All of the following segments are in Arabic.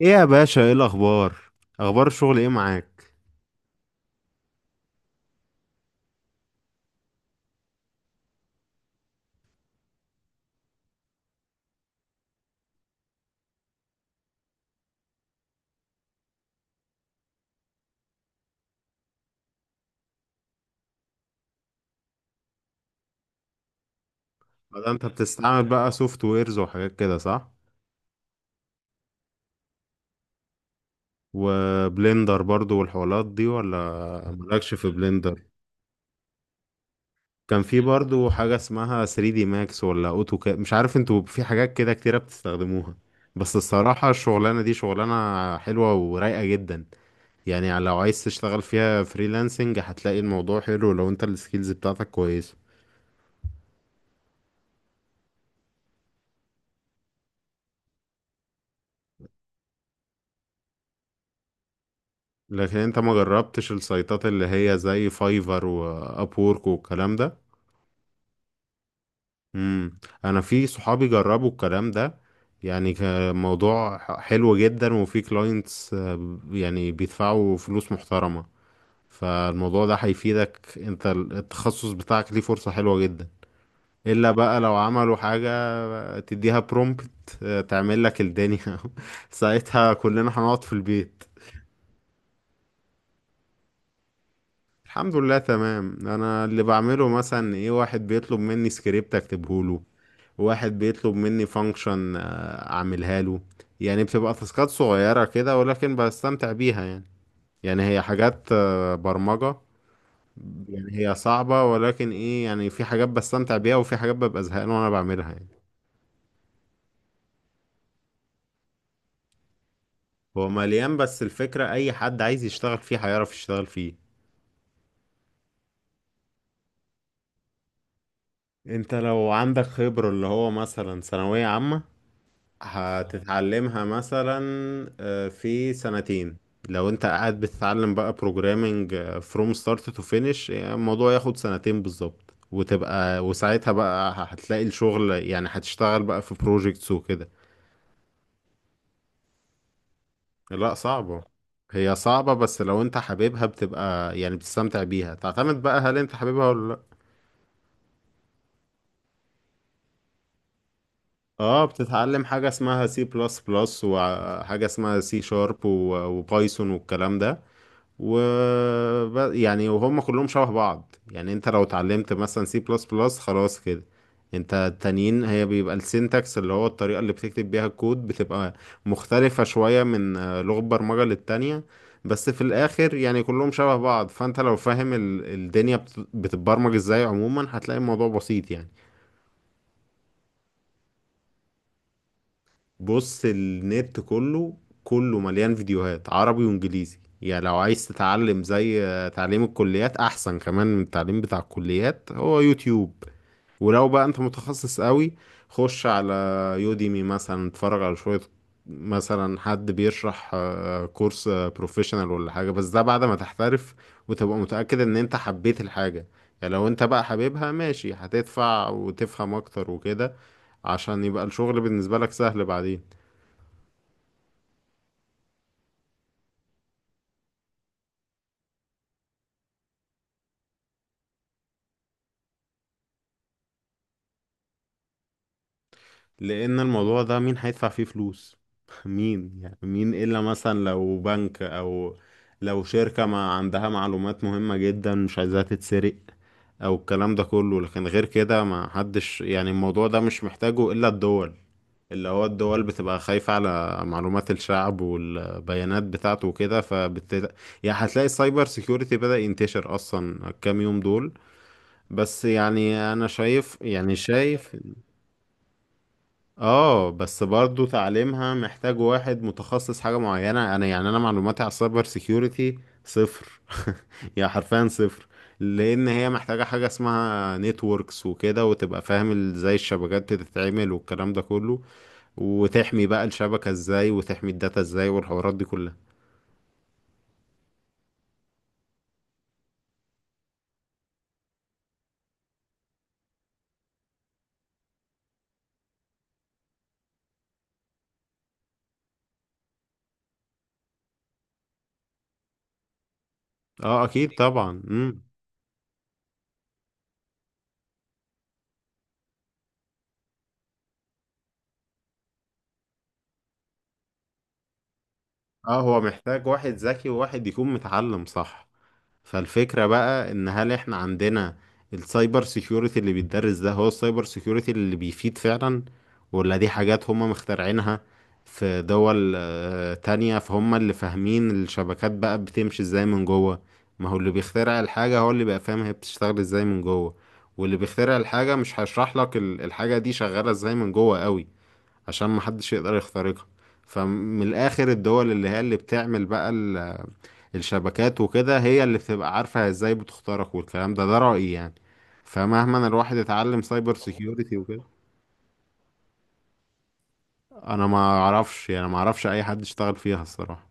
ايه يا باشا، ايه الاخبار؟ اخبار الشغل ايه معاك؟ بدل انت بتستعمل بقى سوفت ويرز وحاجات كده، صح؟ وبلندر برضو والحوارات دي ولا؟ مالكش في بلندر؟ كان في برضو حاجة اسمها 3 دي ماكس ولا اوتوكاد، مش عارف، انتوا في حاجات كده كتيرة بتستخدموها. بس الصراحة الشغلانة دي شغلانة حلوة ورايقة جدا. يعني لو عايز تشتغل فيها فريلانسنج هتلاقي الموضوع حلو لو انت السكيلز بتاعتك كويسة. لكن انت ما جربتش السايتات اللي هي زي فايفر واب وورك والكلام ده؟ امم انا في صحابي جربوا الكلام ده. يعني كان موضوع حلو جدا وفي كلاينتس، يعني بيدفعوا فلوس محترمة. فالموضوع ده هيفيدك، انت التخصص بتاعك ليه فرصة حلوة جدا. الا بقى لو عملوا حاجة تديها برومبت تعمل لك الدنيا. ساعتها كلنا هنقعد في البيت. الحمد لله تمام. انا اللي بعمله مثلا ايه، واحد بيطلب مني سكريبت اكتبه له، واحد بيطلب مني فانكشن اعملها له. يعني بتبقى تاسكات صغيرة كده ولكن بستمتع بيها يعني. يعني هي حاجات برمجة. يعني هي صعبة، ولكن ايه يعني، في حاجات بستمتع بيها وفي حاجات ببقى زهقان وانا بعملها يعني. هو مليان، بس الفكرة اي حد عايز يشتغل فيه هيعرف يشتغل فيه. انت لو عندك خبرة اللي هو مثلا ثانوية عامة هتتعلمها مثلا في سنتين. لو انت قاعد بتتعلم بقى programming from start to finish، يعني الموضوع ياخد سنتين بالظبط، وتبقى وساعتها بقى هتلاقي الشغل، يعني هتشتغل بقى في projects وكده. لا، صعبة. هي صعبة بس لو انت حاببها بتبقى يعني بتستمتع بيها. تعتمد بقى هل انت حاببها ولا لا. اه، بتتعلم حاجة اسمها سي بلس بلس وحاجة اسمها سي شارب وبايثون والكلام ده. و يعني وهم كلهم شبه بعض. يعني انت لو اتعلمت مثلا سي بلس بلس خلاص كده، انت التانيين هي بيبقى السينتاكس، اللي هو الطريقة اللي بتكتب بيها الكود، بتبقى مختلفة شوية من لغة برمجة للتانية. بس في الاخر يعني كلهم شبه بعض. فانت لو فاهم الدنيا بتتبرمج ازاي عموما، هتلاقي الموضوع بسيط يعني. بص، النت كله، كله مليان فيديوهات عربي وانجليزي. يعني لو عايز تتعلم زي تعليم الكليات، احسن كمان من التعليم بتاع الكليات، هو يوتيوب. ولو بقى انت متخصص قوي، خش على يوديمي مثلا، اتفرج على شوية، مثلا حد بيشرح كورس بروفيشنال ولا حاجة. بس ده بعد ما تحترف وتبقى متأكد ان انت حبيت الحاجة. يعني لو انت بقى حبيبها ماشي، هتدفع وتفهم اكتر وكده، عشان يبقى الشغل بالنسبة لك سهل بعدين. لان الموضوع ده مين هيدفع فيه فلوس؟ مين يعني؟ مين الا مثلا لو بنك، او لو شركة ما عندها معلومات مهمة جدا مش عايزاها تتسرق، او الكلام ده كله. لكن غير كده ما حدش، يعني الموضوع ده مش محتاجه الا الدول، اللي هو الدول بتبقى خايفة على معلومات الشعب والبيانات بتاعته وكده. فبت، يعني هتلاقي السايبر سيكيورتي بدأ ينتشر أصلا الكام يوم دول. بس يعني أنا شايف، يعني شايف. اه بس برضو تعليمها محتاج واحد متخصص حاجة معينة. انا يعني انا معلوماتي على السايبر سيكيورتي صفر. يعني حرفيا صفر. لان هي محتاجة حاجة اسمها نتوركس وكده، وتبقى فاهم ازاي الشبكات بتتعمل والكلام ده كله، وتحمي بقى الشبكة ازاي، وتحمي الداتا ازاي، والحوارات دي كلها. اه اكيد طبعا. اه، هو محتاج واحد ذكي وواحد يكون متعلم صح. فالفكرة بقى ان هل احنا عندنا السايبر سيكيورتي اللي بيتدرس ده هو السايبر سيكيورتي اللي بيفيد فعلا، ولا دي حاجات هم مخترعينها في دول تانية فهم اللي فاهمين الشبكات بقى بتمشي ازاي من جوه. ما هو اللي بيخترع الحاجة هو اللي بقى فاهم هي بتشتغل ازاي من جوه. واللي بيخترع الحاجة مش هيشرح لك الحاجة دي شغالة ازاي من جوه قوي، عشان محدش يقدر يخترقها. فمن الآخر، الدول اللي هي اللي بتعمل بقى الشبكات وكده هي اللي بتبقى عارفة ازاي بتخترق والكلام ده. ده رأيي يعني. فمهما الواحد اتعلم سايبر سيكيورتي وكده. انا ما اعرفش، يعني ما اعرفش اي حد اشتغل فيها الصراحة.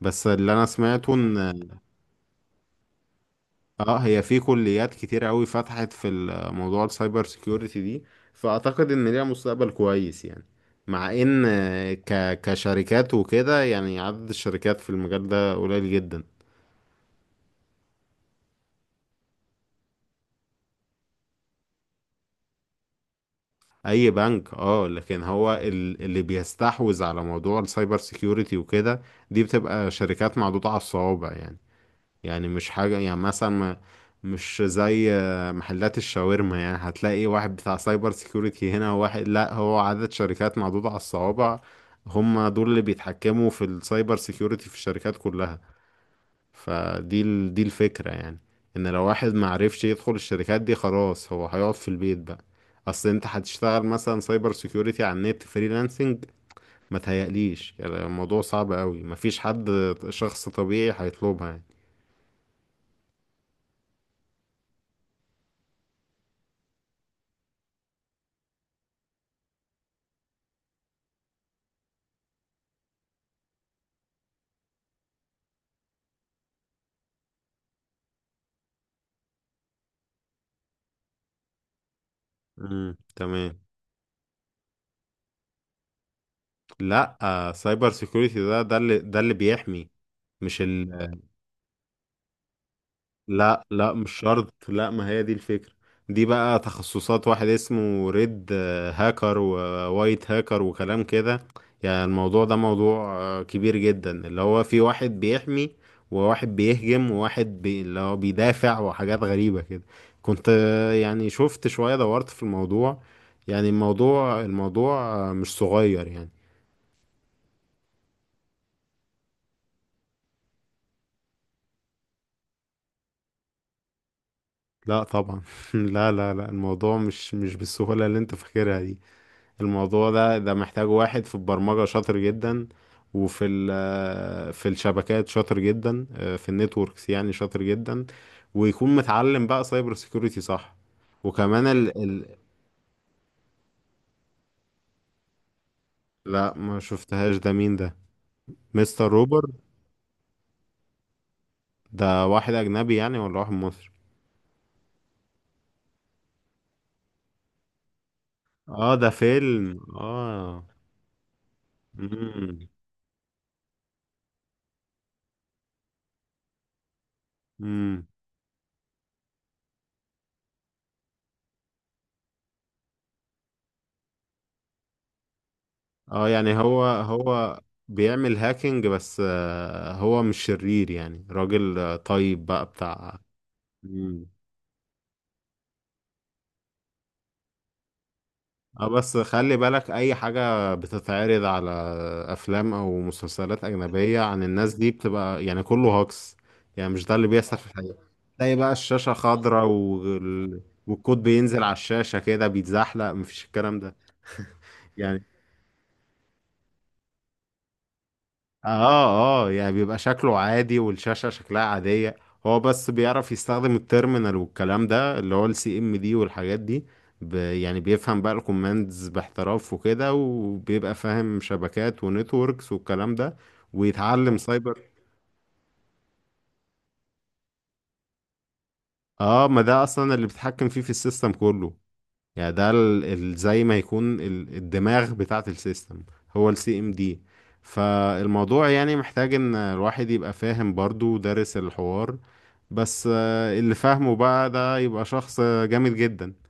بس اللي انا سمعته ان، اه، هي في كليات كتير قوي فتحت في موضوع السايبر سيكيورتي دي، فاعتقد ان ليها مستقبل كويس يعني. مع ان كشركات وكده، يعني عدد الشركات في المجال ده قليل جدا. اي بنك اه، لكن هو اللي بيستحوذ على موضوع السايبر سيكيورتي وكده دي بتبقى شركات معدودة على الصوابع. يعني يعني مش حاجة يعني مثلا مش زي محلات الشاورما، يعني هتلاقي واحد بتاع سايبر سيكيورتي هنا وواحد. لا، هو عدد شركات معدودة على الصوابع، هم دول اللي بيتحكموا في السايبر سيكيورتي في الشركات كلها. دي الفكرة يعني. ان لو واحد معرفش يدخل الشركات دي خلاص هو هيقعد في البيت بقى. اصل انت هتشتغل مثلا سايبر سيكيورتي على النت فريلانسنج، ما تهيأليش، يعني الموضوع صعب قوي، مفيش حد، شخص طبيعي هيطلبها يعني. امم، تمام. لا، سايبر سيكيورتي ده اللي بيحمي، مش ال... لا لا، مش شرط. لا، ما هي دي الفكرة. دي بقى تخصصات، واحد اسمه ريد هاكر ووايت هاكر وكلام كده. يعني الموضوع ده موضوع كبير جدا، اللي هو في واحد بيحمي وواحد بيهجم اللي هو بيدافع، وحاجات غريبة كده. كنت يعني شفت شوية، دورت في الموضوع. يعني الموضوع مش صغير يعني. لا طبعا. لا لا لا، الموضوع مش بالسهولة اللي انت فاكرها دي. الموضوع ده محتاج واحد في البرمجة شاطر جدا، وفي ال في الشبكات شاطر جدا، في النتوركس يعني شاطر جدا، ويكون متعلم بقى سايبر سيكوريتي صح. وكمان ال لا، ما شفتهاش، ده مين ده؟ مستر روبر ده واحد أجنبي يعني ولا واحد مصري؟ اه، ده فيلم، اه. امم. امم. اه، يعني هو هو بيعمل هاكينج، بس هو مش شرير يعني، راجل طيب بقى بتاع. مم. اه، بس خلي بالك، اي حاجة بتتعرض على افلام او مسلسلات اجنبية عن الناس دي بتبقى يعني كله هوكس. يعني مش ده اللي بيحصل في الحقيقة. تلاقي بقى الشاشة خضراء والكود بينزل على الشاشة كده بيتزحلق، مفيش الكلام ده يعني. اه اه، يعني بيبقى شكله عادي والشاشة شكلها عادية. هو بس بيعرف يستخدم التيرمينال والكلام ده، اللي هو السي ام دي والحاجات دي. ب، يعني بيفهم بقى الكوماندز باحتراف وكده، وبيبقى فاهم شبكات ونتوركس والكلام ده، ويتعلم سايبر. اه، ما ده اصلا اللي بيتحكم فيه في السيستم كله. يعني ده زي ما يكون الدماغ بتاعة السيستم هو السي ام دي. فالموضوع يعني محتاج ان الواحد يبقى فاهم برضو ودارس الحوار. بس اللي فاهمه بقى ده يبقى شخص جامد جدا.